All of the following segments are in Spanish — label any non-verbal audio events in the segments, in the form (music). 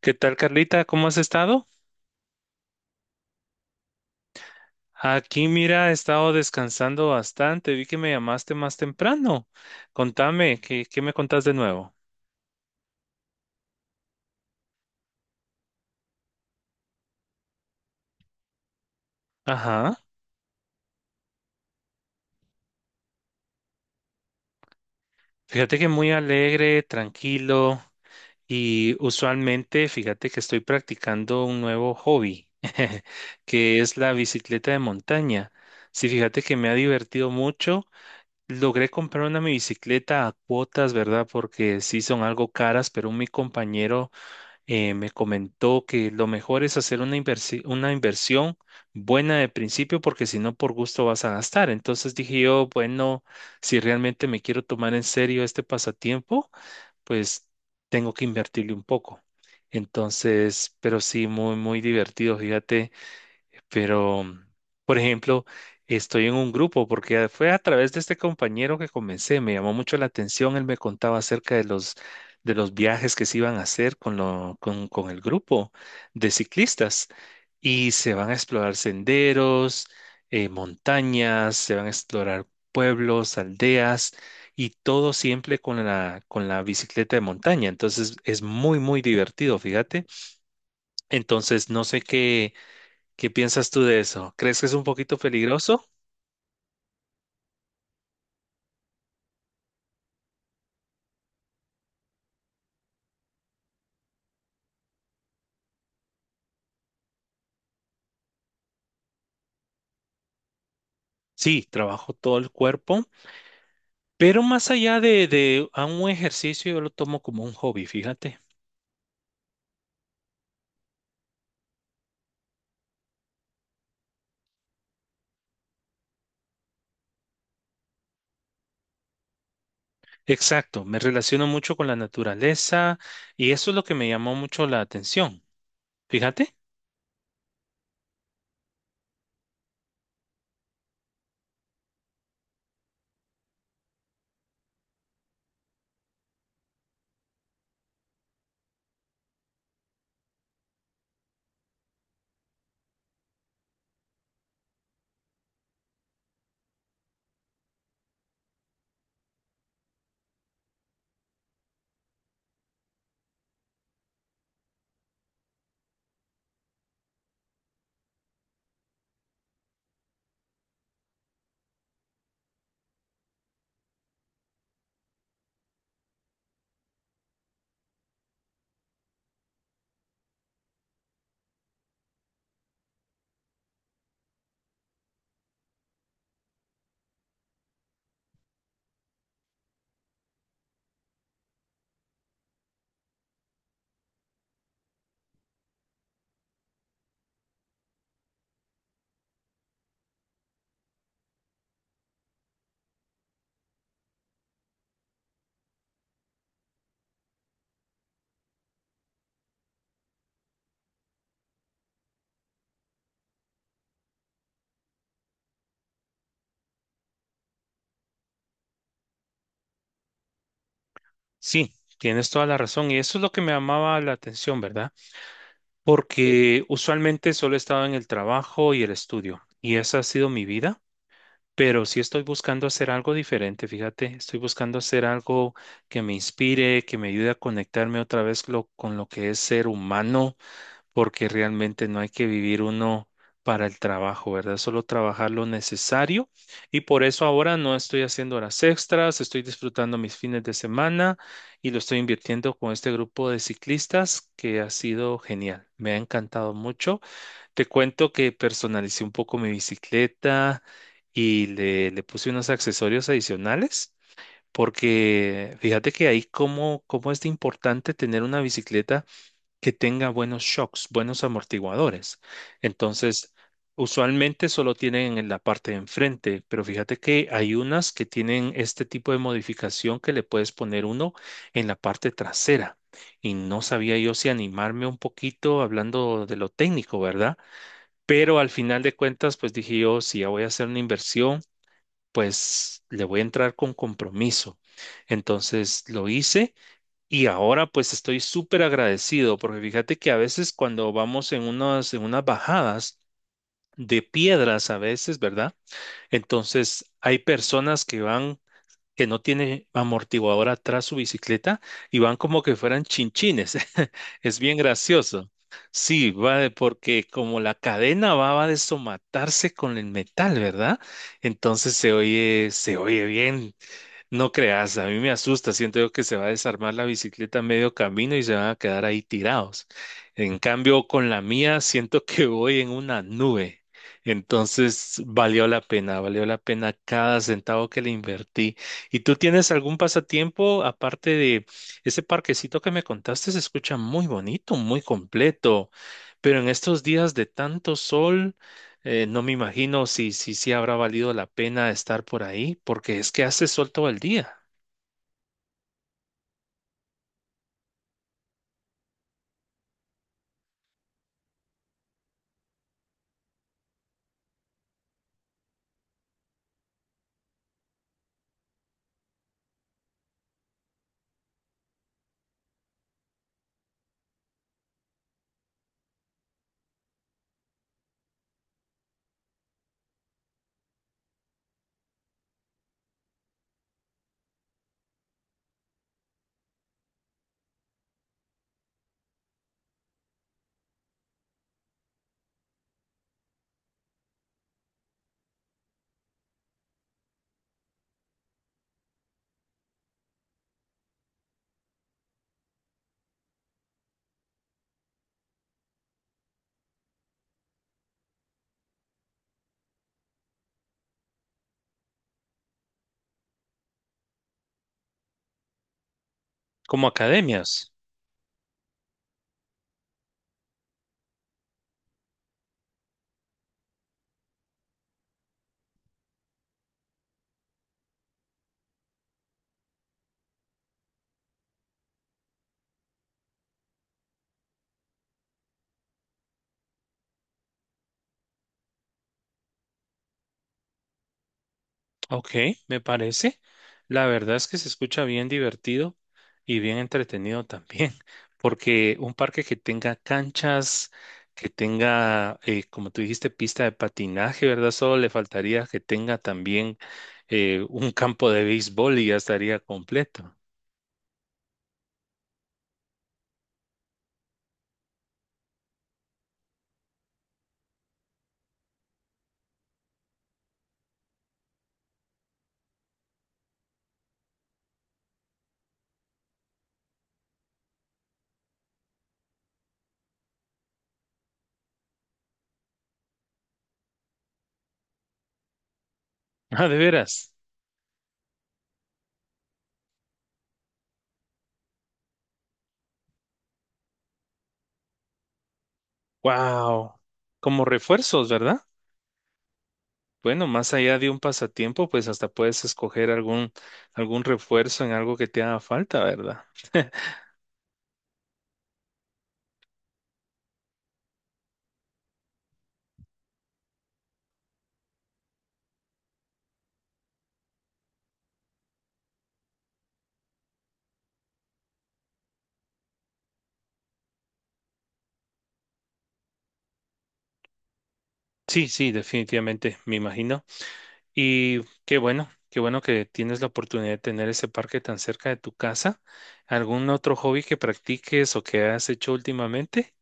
¿Qué tal, Carlita? ¿Cómo has estado? Aquí, mira, he estado descansando bastante. Vi que me llamaste más temprano. Contame, ¿qué me contás de nuevo? Ajá. Fíjate que muy alegre, tranquilo y usualmente, fíjate que estoy practicando un nuevo hobby, (laughs) que es la bicicleta de montaña. Sí, fíjate que me ha divertido mucho. Logré comprar una mi bicicleta a cuotas, ¿verdad? Porque sí son algo caras, pero mi compañero me comentó que lo mejor es hacer una inversión buena de principio porque si no por gusto vas a gastar. Entonces dije yo, bueno, si realmente me quiero tomar en serio este pasatiempo, pues tengo que invertirle un poco. Entonces, pero sí, muy, muy divertido, fíjate. Pero, por ejemplo, estoy en un grupo porque fue a través de este compañero que comencé, me llamó mucho la atención, él me contaba acerca de los viajes que se iban a hacer con el grupo de ciclistas y se van a explorar senderos, montañas, se van a explorar pueblos, aldeas y todo siempre con con la bicicleta de montaña. Entonces es muy, muy divertido, fíjate. Entonces no sé qué. ¿Qué piensas tú de eso? ¿Crees que es un poquito peligroso? Sí, trabajo todo el cuerpo, pero más allá de a un ejercicio, yo lo tomo como un hobby, fíjate. Exacto, me relaciono mucho con la naturaleza y eso es lo que me llamó mucho la atención. Fíjate, sí, tienes toda la razón y eso es lo que me llamaba la atención, ¿verdad? Porque usualmente solo he estado en el trabajo y el estudio y esa ha sido mi vida. Pero sí estoy buscando hacer algo diferente, fíjate, estoy buscando hacer algo que me inspire, que me ayude a conectarme otra vez con lo que es ser humano, porque realmente no hay que vivir uno para el trabajo, ¿verdad? Solo trabajar lo necesario y por eso ahora no estoy haciendo horas extras, estoy disfrutando mis fines de semana y lo estoy invirtiendo con este grupo de ciclistas que ha sido genial, me ha encantado mucho. Te cuento que personalicé un poco mi bicicleta y le puse unos accesorios adicionales porque fíjate que ahí cómo es de importante tener una bicicleta que tenga buenos shocks, buenos amortiguadores. Entonces, usualmente solo tienen en la parte de enfrente, pero fíjate que hay unas que tienen este tipo de modificación que le puedes poner uno en la parte trasera. Y no sabía yo si animarme un poquito hablando de lo técnico, ¿verdad? Pero al final de cuentas, pues dije yo, si ya voy a hacer una inversión, pues le voy a entrar con compromiso. Entonces lo hice y ahora pues estoy súper agradecido porque fíjate que a veces cuando vamos en unas bajadas de piedras a veces, ¿verdad? Entonces hay personas que van que no tiene amortiguador atrás su bicicleta y van como que fueran chinchines. (laughs) Es bien gracioso. Sí, porque como la cadena va, va a desomatarse con el metal, ¿verdad? Entonces se oye bien. No creas, a mí me asusta, siento yo que se va a desarmar la bicicleta a medio camino y se van a quedar ahí tirados. En cambio, con la mía siento que voy en una nube. Entonces, valió la pena cada centavo que le invertí. ¿Y tú tienes algún pasatiempo aparte de ese parquecito que me contaste? Se escucha muy bonito, muy completo, pero en estos días de tanto sol. No me imagino si habrá valido la pena estar por ahí, porque es que hace sol todo el día, como academias. Ok, me parece. La verdad es que se escucha bien divertido y bien entretenido también, (laughs) porque un parque que tenga canchas, que tenga, como tú dijiste, pista de patinaje, ¿verdad? Solo le faltaría que tenga también un campo de béisbol y ya estaría completo. (laughs) Ah, de veras. Wow. Como refuerzos, ¿verdad? Bueno, más allá de un pasatiempo, pues hasta puedes escoger algún, algún refuerzo en algo que te haga falta, ¿verdad? (laughs) Sí, sí, definitivamente, me imagino. Y qué bueno que tienes la oportunidad de tener ese parque tan cerca de tu casa. ¿Algún otro hobby que practiques o que has hecho últimamente?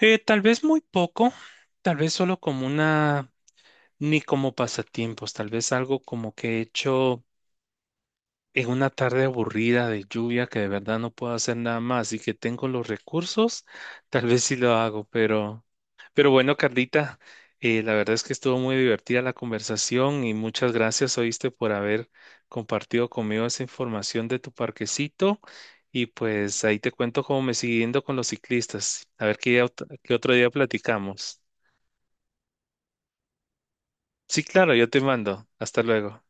Tal vez muy poco, tal vez solo como una, ni como pasatiempos, tal vez algo como que he hecho en una tarde aburrida de lluvia que de verdad no puedo hacer nada más y que tengo los recursos, tal vez sí lo hago, pero bueno, Carlita, la verdad es que estuvo muy divertida la conversación y muchas gracias, oíste, por haber compartido conmigo esa información de tu parquecito y pues ahí te cuento cómo me sigue yendo con los ciclistas. A ver qué, qué otro día platicamos. Sí, claro, yo te mando. Hasta luego.